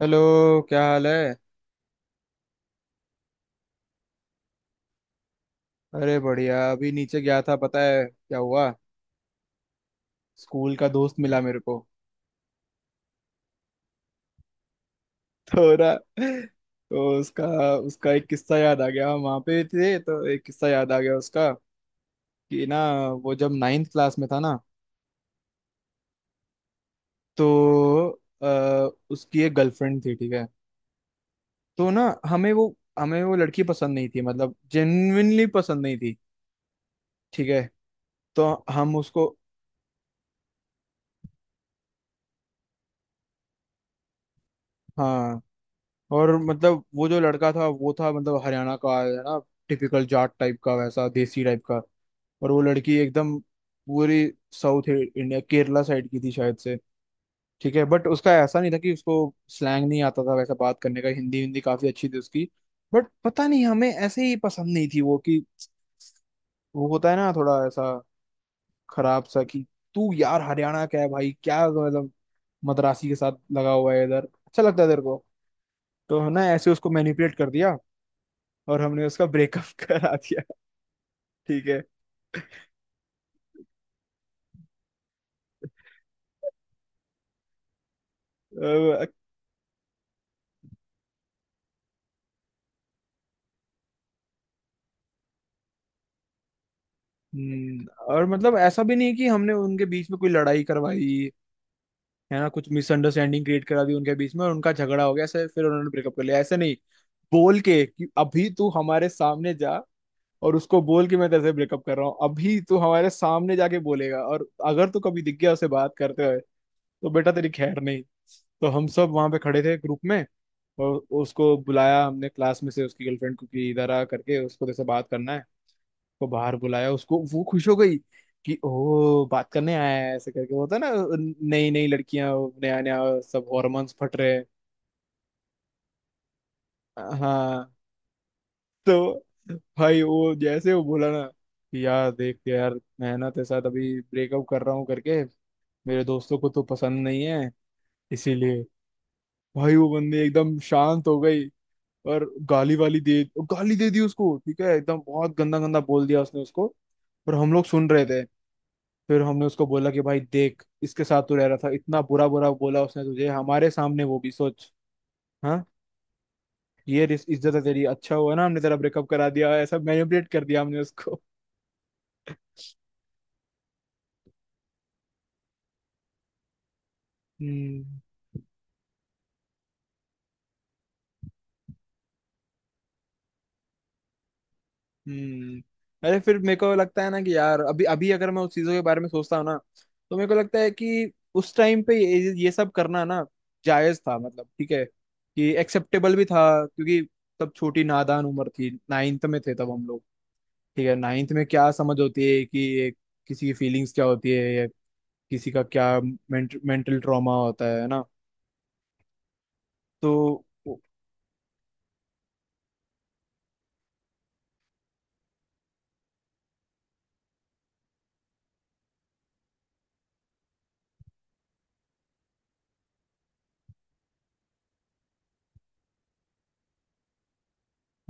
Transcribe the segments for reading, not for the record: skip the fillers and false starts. Hello. क्या हाल है। अरे बढ़िया, अभी नीचे गया था। पता है क्या हुआ। स्कूल का दोस्त मिला मेरे को। थोड़ा, तो उसका उसका एक किस्सा याद आ गया, हम वहाँ पे थे तो एक किस्सा याद आ गया उसका, कि ना, वो जब नाइन्थ क्लास में था ना, तो अ, उसकी एक गर्लफ्रेंड थी। ठीक है। तो ना, हमें वो लड़की पसंद नहीं थी, मतलब जेन्युइनली पसंद नहीं थी। ठीक है। तो हम उसको। हाँ। और मतलब वो जो लड़का था, वो था मतलब हरियाणा का है ना, टिपिकल जाट टाइप का, वैसा देसी टाइप का। और वो लड़की एकदम पूरी साउथ इंडिया केरला साइड की थी शायद से। ठीक है, बट उसका ऐसा नहीं था कि उसको स्लैंग नहीं आता था, वैसा बात करने का, हिंदी हिंदी काफी अच्छी थी उसकी। बट पता नहीं हमें ऐसे ही पसंद नहीं थी वो कि, वो होता है ना थोड़ा ऐसा खराब सा, कि तू यार हरियाणा का है भाई, क्या मतलब मद्रासी के साथ लगा हुआ है इधर, अच्छा लगता है तेरे को। तो है ना, ऐसे उसको मैनिपुलेट कर दिया, और हमने उसका ब्रेकअप करा दिया। ठीक है। अ, हम्म, और मतलब ऐसा भी नहीं कि हमने उनके बीच में कोई लड़ाई करवाई, है ना, कुछ मिसअंडरस्टैंडिंग क्रिएट करा दी उनके बीच में और उनका झगड़ा हो गया ऐसे, फिर उन्होंने ब्रेकअप कर लिया, ऐसे नहीं, बोल के कि अभी तू हमारे सामने जा, और उसको बोल के मैं तेरे से ब्रेकअप कर रहा हूँ, अभी तू हमारे सामने जाके बोलेगा, और अगर तू कभी दिख गया उसे बात करते हुए तो बेटा तेरी खैर नहीं। तो हम सब वहां पे खड़े थे ग्रुप में, और उसको बुलाया हमने क्लास में से, उसकी गर्लफ्रेंड को, कि इधर आ करके, उसको जैसे बात करना है। उसको बाहर बुलाया, उसको वो खुश हो गई कि ओ बात करने आया है, ऐसे करके होता है ना, नई नई लड़कियां, नया नया सब, हॉर्मोन्स फट रहे हैं। हाँ। तो भाई, वो जैसे वो बोला ना, कि यार देख के यार मैं ना तेरे साथ अभी ब्रेकअप कर रहा हूँ करके, मेरे दोस्तों को तो पसंद नहीं है इसीलिए। भाई वो बंदी एकदम शांत हो गई, और गाली वाली दे गाली दे दी उसको। ठीक है। एकदम बहुत गंदा गंदा बोल दिया उसने उसको, पर हम लोग सुन रहे थे। फिर हमने उसको बोला कि भाई देख, इसके साथ तू रह रहा था, इतना बुरा बुरा बोला उसने तुझे हमारे सामने, वो भी सोच। हाँ। इज्जत है तेरी, अच्छा हुआ ना हमने तेरा ब्रेकअप करा दिया, ऐसा मैनिपुलेट कर दिया हमने उसको। हम्म हम्म। अरे, फिर मेरे को लगता है ना कि यार अभी अभी अगर मैं उस चीजों के बारे में सोचता हूँ ना, तो मेरे को लगता है कि उस टाइम पे ये सब करना ना जायज था, मतलब ठीक है, कि एक्सेप्टेबल भी था, क्योंकि तब छोटी नादान उम्र थी, नाइन्थ में थे तब हम लोग। ठीक है। नाइन्थ में क्या समझ होती है कि एक, किसी की फीलिंग्स क्या होती है, या किसी का क्या मेंटल ट्रॉमा होता है ना। तो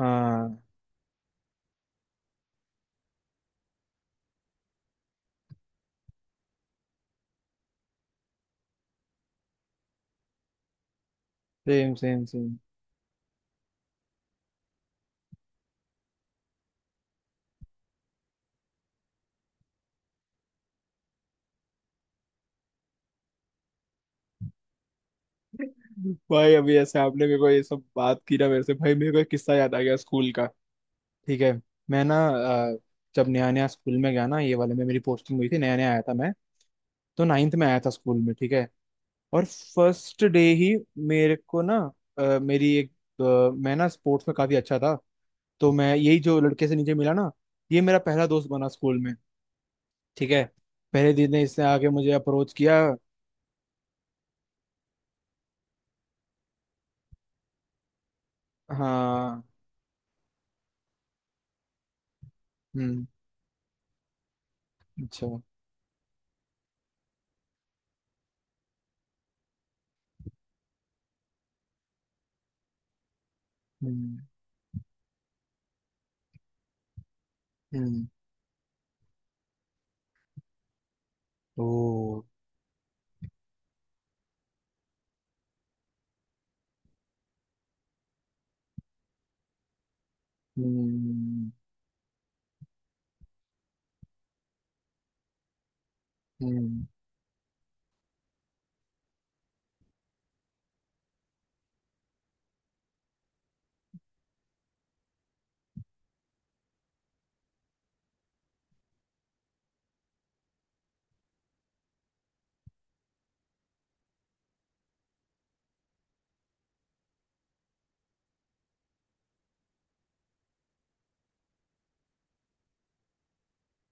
हाँ। Same same same. भाई, अभी ऐसे आपने मेरे को ये सब बात की ना मेरे से, भाई मेरे को एक किस्सा याद आ गया स्कूल का। ठीक है। मैं ना जब नया नया स्कूल में गया ना, ये वाले में मेरी पोस्टिंग हुई थी, नया नया आया था मैं। तो नाइन्थ में आया था स्कूल में। ठीक है। और फर्स्ट डे ही मेरे को ना, अ, मेरी एक अ, मैं ना स्पोर्ट्स में काफी अच्छा था। तो मैं यही जो लड़के से नीचे मिला ना, ये मेरा पहला दोस्त बना स्कूल में। ठीक है। पहले दिन ने इसने आके मुझे अप्रोच किया। हाँ। हम्म। अच्छा। हम्म हम्म। ओ। हम्म हम्म।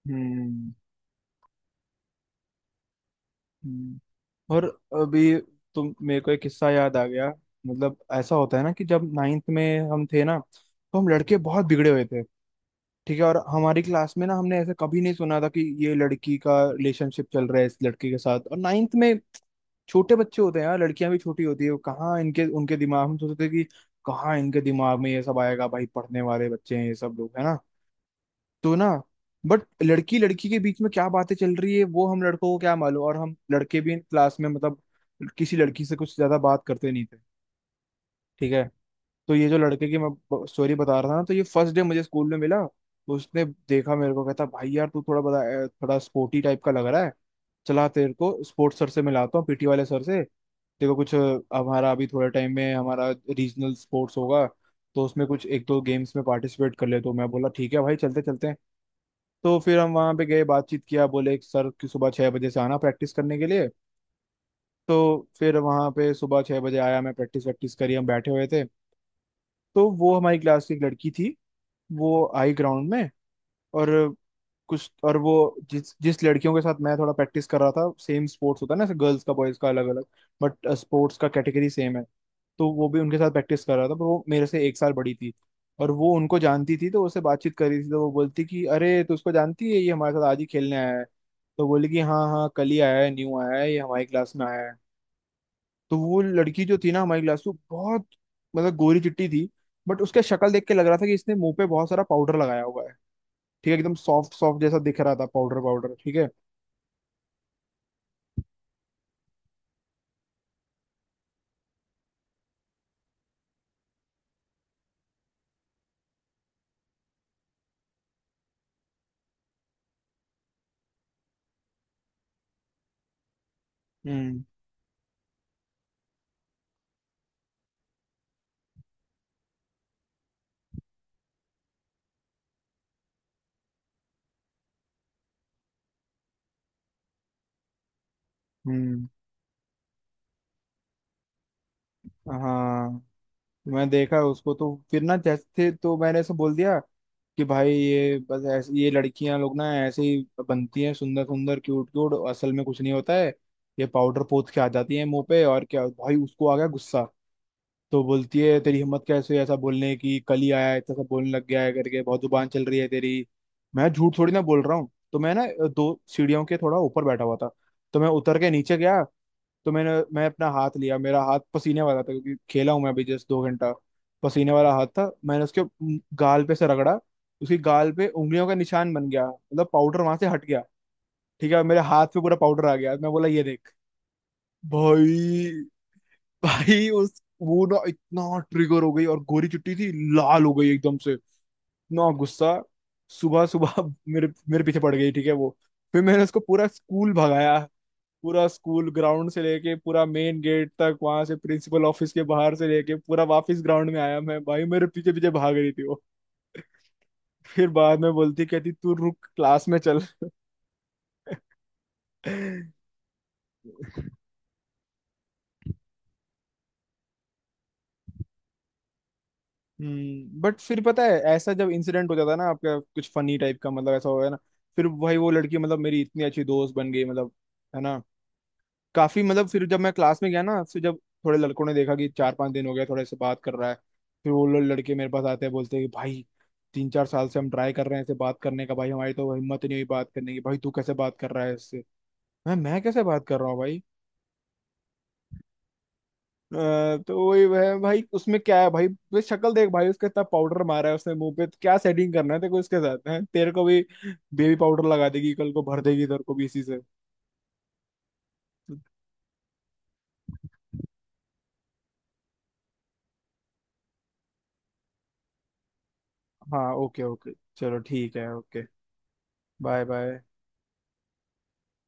हम्म, हम्म। और अभी तुम, मेरे को एक किस्सा याद आ गया, मतलब ऐसा होता है ना कि जब नाइन्थ में हम थे ना, तो हम लड़के बहुत बिगड़े हुए थे। ठीक है। और हमारी क्लास में ना हमने ऐसा कभी नहीं सुना था कि ये लड़की का रिलेशनशिप चल रहा है इस लड़के के साथ, और नाइन्थ में छोटे बच्चे होते हैं यार, लड़कियां भी छोटी होती है, वो कहाँ इनके उनके दिमाग, हम सोचते थे कि कहाँ इनके दिमाग में ये सब आएगा भाई, पढ़ने वाले बच्चे हैं ये सब लोग है ना। तो ना, बट लड़की लड़की के बीच में क्या बातें चल रही है वो हम लड़कों को क्या मालूम, और हम लड़के भी क्लास में मतलब किसी लड़की से कुछ ज्यादा बात करते नहीं थे। ठीक है। तो ये जो लड़के की मैं स्टोरी बता रहा था ना, तो ये फर्स्ट डे मुझे स्कूल में मिला, तो उसने देखा मेरे को, कहता भाई यार तू थोड़ा बड़ा थोड़ा स्पोर्टी टाइप का लग रहा है, चला तेरे को स्पोर्ट्स सर से मिलाता हूँ, पीटी वाले सर से। देखो कुछ हमारा अभी थोड़ा टाइम में हमारा रीजनल स्पोर्ट्स होगा, तो उसमें कुछ एक दो गेम्स में पार्टिसिपेट कर ले। तो मैं बोला ठीक है भाई, चलते चलते। तो फिर हम वहाँ पे गए, बातचीत किया, बोले कि सर कि सुबह 6 बजे से आना प्रैक्टिस करने के लिए। तो फिर वहाँ पे सुबह 6 बजे आया मैं, प्रैक्टिस वैक्टिस करी, हम बैठे हुए थे। तो वो हमारी क्लास की एक लड़की थी, वो आई ग्राउंड में। और कुछ, और वो जिस जिस लड़कियों के साथ मैं थोड़ा प्रैक्टिस कर रहा था, सेम स्पोर्ट्स होता है ना, गर्ल्स का बॉयज का अलग अलग, बट स्पोर्ट्स का कैटेगरी सेम है। तो वो भी उनके साथ प्रैक्टिस कर रहा था, पर वो मेरे से 1 साल बड़ी थी। और वो उनको जानती थी, तो उससे बातचीत करी थी, तो वो बोलती कि अरे तू उसको जानती है, ये हमारे साथ आज ही खेलने आया है। तो बोली कि हाँ हाँ, कल ही आया है, न्यू आया है, ये हमारी क्लास में आया है। तो वो लड़की जो थी ना हमारी क्लास में, बहुत मतलब गोरी चिट्टी थी, बट उसके शक्ल देख के लग रहा था कि इसने मुंह पे बहुत सारा पाउडर लगाया हुआ है। ठीक है, एकदम सॉफ्ट सॉफ्ट जैसा दिख रहा था, पाउडर पाउडर। ठीक है। हम्म हम्म। हाँ। मैं देखा उसको, तो फिर ना जैसे तो मैंने ऐसे बोल दिया कि भाई, ये बस ऐसे ये लड़कियां लोग ना ऐसे ही बनती हैं सुंदर सुंदर क्यूट क्यूट, असल में कुछ नहीं होता है, ये पाउडर पोत के आ जाती है मुंह पे और क्या। भाई उसको आ गया गुस्सा। तो बोलती है, तेरी हिम्मत कैसे है ऐसा बोलने की, कल ही आया है, इतना सब बोलने लग गया है करके, बहुत जुबान चल रही है तेरी। मैं झूठ थोड़ी ना बोल रहा हूँ। तो मैं ना दो सीढ़ियों के थोड़ा ऊपर बैठा हुआ था, तो मैं उतर के नीचे गया। तो मैंने मैं अपना हाथ लिया, मेरा हाथ पसीने वाला था, क्योंकि खेला हूं मैं अभी जस्ट 2 घंटा, पसीने वाला हाथ था। मैंने उसके गाल पे से रगड़ा, उसकी गाल पे उंगलियों का निशान बन गया, मतलब पाउडर वहां से हट गया। ठीक है। मेरे हाथ पे पूरा पाउडर आ गया, मैं बोला ये देख। भाई, भाई उस वो ना इतना ट्रिगर हो गई, और गोरी चुट्टी थी, लाल हो गई एकदम से, इतना गुस्सा, सुबह सुबह मेरे मेरे पीछे पड़ गई। ठीक है वो। फिर मैंने उसको पूरा स्कूल भगाया, पूरा स्कूल ग्राउंड से लेके पूरा मेन गेट तक, वहां से प्रिंसिपल ऑफिस के बाहर से लेके पूरा वापस ग्राउंड में आया मैं भाई, मेरे पीछे पीछे भाग रही थी वो। फिर बाद में बोलती, कहती तू रुक, क्लास में चल। हम्म। बट फिर पता है, ऐसा जब इंसिडेंट हो जाता है ना आपका कुछ फनी टाइप का, मतलब ऐसा हो गया ना, फिर भाई वो लड़की मतलब मेरी इतनी अच्छी दोस्त बन गई, मतलब, है ना, काफी। मतलब फिर जब मैं क्लास में गया ना, फिर जब थोड़े लड़कों ने देखा कि 4-5 दिन हो गया, थोड़े से बात कर रहा है, फिर वो लोग लड़के मेरे पास आते हैं, बोलते हैं कि भाई 3-4 साल से हम ट्राई कर रहे हैं इससे बात करने का भाई, हमारी तो हिम्मत ही नहीं हुई बात करने की, भाई तू कैसे बात कर रहा है इससे। मैं कैसे बात कर रहा हूँ भाई। अ, तो वही वह भाई, उसमें क्या है भाई, वे शक्ल देख भाई उसका, इतना पाउडर मारा है उसने मुंह पे, तो क्या सेटिंग करना है तेरे को इसके साथ, हैं तेरे को भी बेबी पाउडर लगा देगी कल को, भर देगी तेरे को भी इसी से। हाँ ओके ओके। चलो ठीक है ओके। Bye bye.